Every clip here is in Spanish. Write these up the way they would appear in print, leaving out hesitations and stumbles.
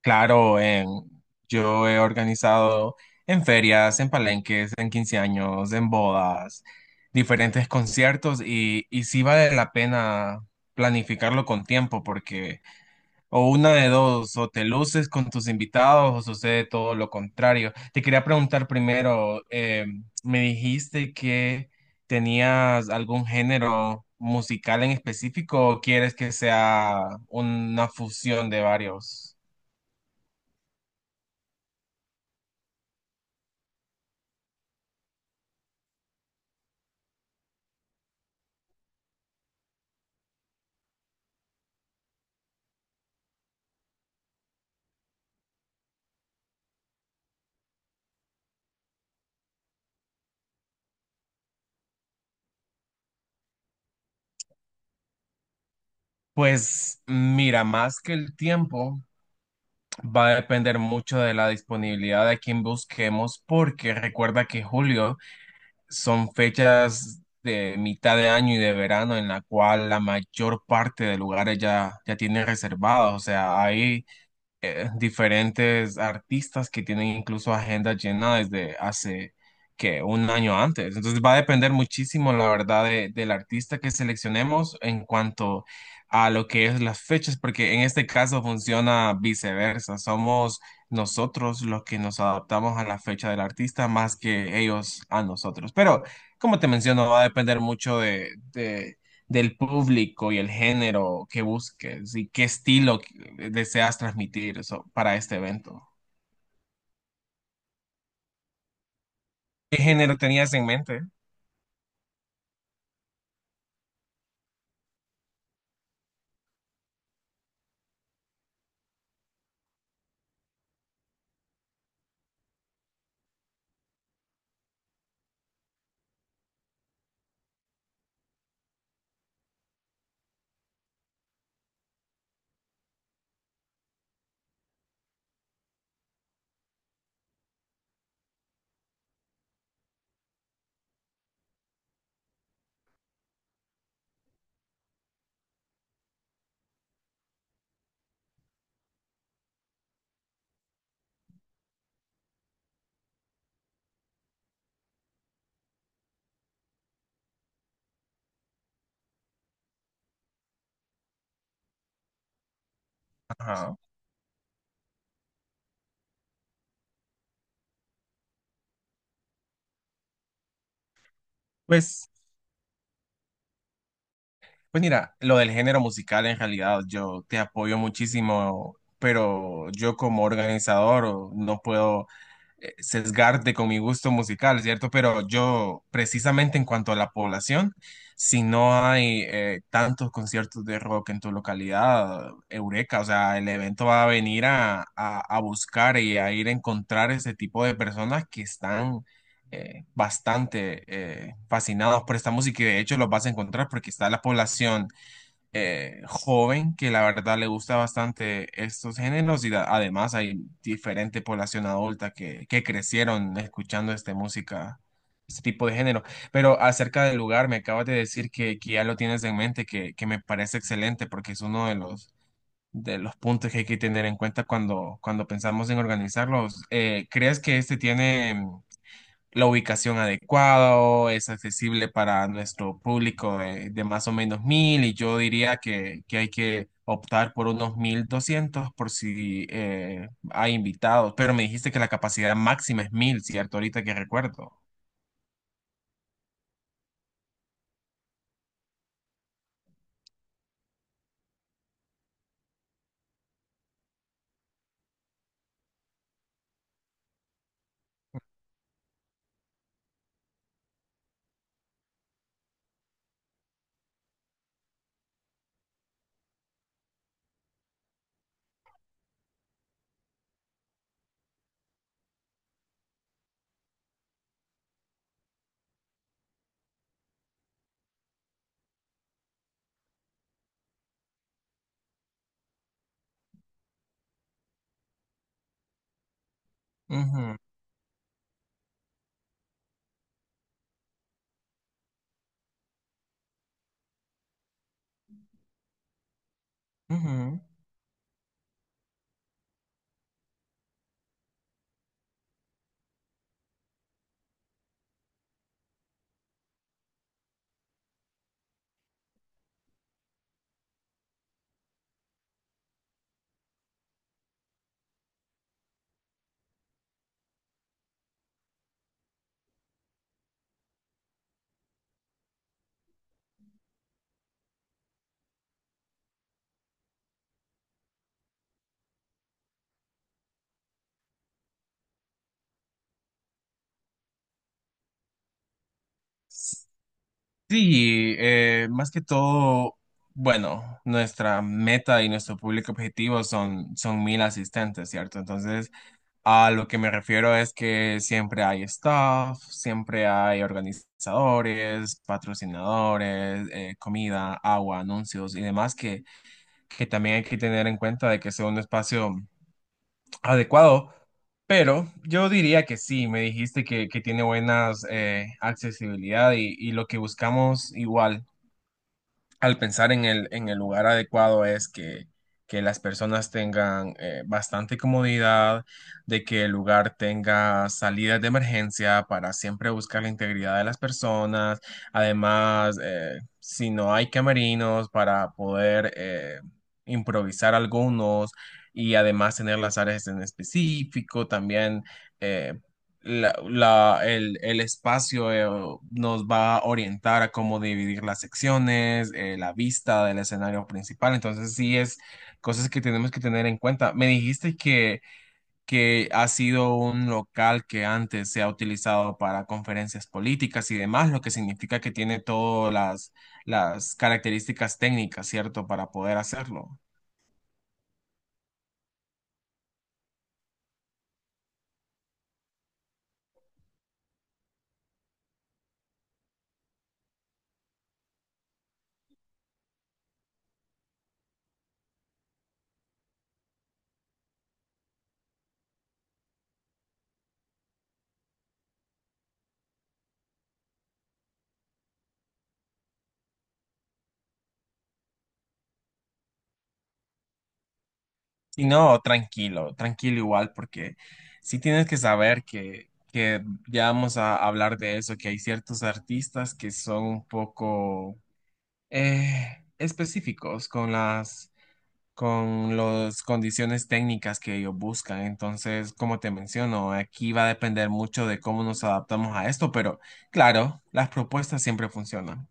Claro, yo he organizado en ferias, en palenques, en 15 años, en bodas, diferentes conciertos y sí vale la pena planificarlo con tiempo porque o una de dos, o te luces con tus invitados o sucede todo lo contrario. Te quería preguntar primero, me dijiste que tenías algún género musical en específico o quieres que sea una fusión de varios? Pues mira, más que el tiempo va a depender mucho de la disponibilidad de quien busquemos, porque recuerda que julio son fechas de mitad de año y de verano en la cual la mayor parte de lugares ya tienen reservados, o sea, hay diferentes artistas que tienen incluso agenda llena desde hace que un año antes. Entonces va a depender muchísimo, la verdad, del artista que seleccionemos en cuanto a lo que es las fechas, porque en este caso funciona viceversa. Somos nosotros los que nos adaptamos a la fecha del artista más que ellos a nosotros. Pero como te menciono, va a depender mucho de del público y el género que busques y qué estilo deseas transmitir eso, para este evento. ¿Qué género tenías en mente? Ajá. Pues, pues mira, lo del género musical en realidad yo te apoyo muchísimo, pero yo como organizador no puedo sesgarte con mi gusto musical, ¿cierto? Pero yo, precisamente en cuanto a la población, si no hay tantos conciertos de rock en tu localidad, eureka, o sea, el evento va a venir a buscar y a ir a encontrar ese tipo de personas que están bastante fascinados por esta música y de hecho los vas a encontrar porque está la población joven que la verdad le gusta bastante estos géneros y además hay diferente población adulta que crecieron escuchando esta música, este tipo de género. Pero acerca del lugar, me acabas de decir que ya lo tienes en mente, que me parece excelente porque es uno de los puntos que hay que tener en cuenta cuando pensamos en organizarlos. ¿Crees que este tiene la ubicación adecuada o es accesible para nuestro público de más o menos 1000 y yo diría que hay que optar por unos 1200 por si hay invitados, pero me dijiste que la capacidad máxima es 1000, ¿cierto? Ahorita que recuerdo. Ujú, ujú. Sí, más que todo, bueno, nuestra meta y nuestro público objetivo son 1000 asistentes, ¿cierto? Entonces, a lo que me refiero es que siempre hay staff, siempre hay organizadores, patrocinadores, comida, agua, anuncios y demás que también hay que tener en cuenta de que sea un espacio adecuado. Pero yo diría que sí, me dijiste que tiene buenas accesibilidad y lo que buscamos igual al pensar en el lugar adecuado es que las personas tengan bastante comodidad, de que el lugar tenga salidas de emergencia para siempre buscar la integridad de las personas. Además, si no hay camerinos para poder improvisar algunos y además tener las áreas en específico, también eh, el espacio nos va a orientar a cómo dividir las secciones, la vista del escenario principal. Entonces, sí es cosas que tenemos que tener en cuenta. Me dijiste que ha sido un local que antes se ha utilizado para conferencias políticas y demás, lo que significa que tiene todas las características técnicas, ¿cierto?, para poder hacerlo. Y no, tranquilo, tranquilo igual, porque sí tienes que saber que ya vamos a hablar de eso, que hay ciertos artistas que son un poco específicos con con las condiciones técnicas que ellos buscan. Entonces, como te menciono, aquí va a depender mucho de cómo nos adaptamos a esto, pero claro, las propuestas siempre funcionan.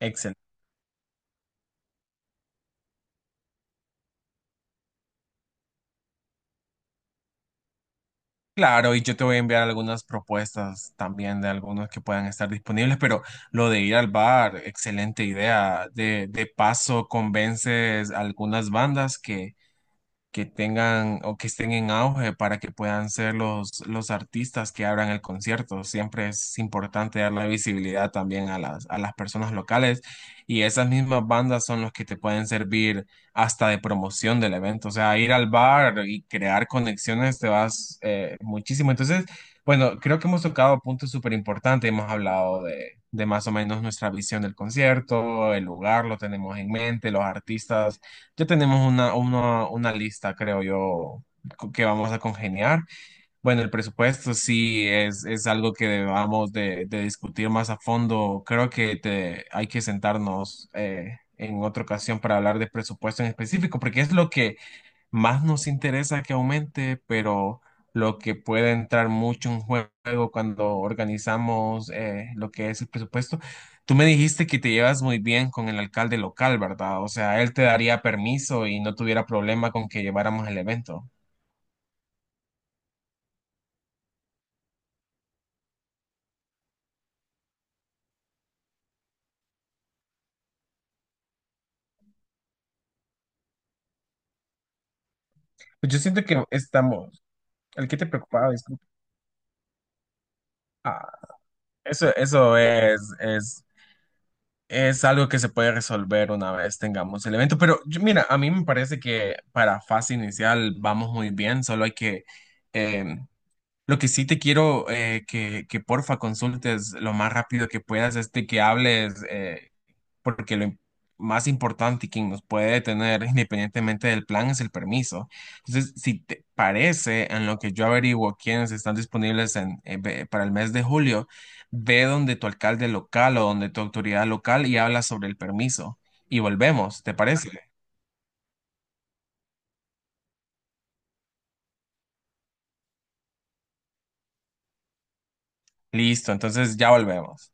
Excelente. Claro, y yo te voy a enviar algunas propuestas también de algunos que puedan estar disponibles, pero lo de ir al bar, excelente idea. De paso, convences a algunas bandas que tengan o que estén en auge para que puedan ser los artistas que abran el concierto. Siempre es importante dar la visibilidad también a a las personas locales y esas mismas bandas son los que te pueden servir hasta de promoción del evento. O sea, ir al bar y crear conexiones te vas muchísimo. Entonces, bueno, creo que hemos tocado puntos súper importantes. Hemos hablado de más o menos nuestra visión del concierto, el lugar lo tenemos en mente, los artistas ya tenemos una lista, creo yo, que vamos a congeniar. Bueno, el presupuesto sí es algo que debamos de discutir más a fondo. Creo que te, hay que sentarnos en otra ocasión para hablar de presupuesto en específico, porque es lo que más nos interesa que aumente, pero lo que puede entrar mucho en juego cuando organizamos lo que es el presupuesto. Tú me dijiste que te llevas muy bien con el alcalde local, ¿verdad? O sea, él te daría permiso y no tuviera problema con que lleváramos el evento. Pues yo siento que estamos. ¿El que te preocupaba? Disculpa. Ah, eso es algo que se puede resolver una vez tengamos el evento, pero mira, a mí me parece que para fase inicial vamos muy bien, solo hay que, eh, lo que sí te quiero que porfa consultes lo más rápido que puedas este que hables. Porque lo más importante y quien nos puede detener independientemente del plan es el permiso. Entonces, si te parece, en lo que yo averiguo quiénes están disponibles en, para el mes de julio, ve donde tu alcalde local o donde tu autoridad local y habla sobre el permiso. Y volvemos, ¿te parece? Listo, entonces ya volvemos.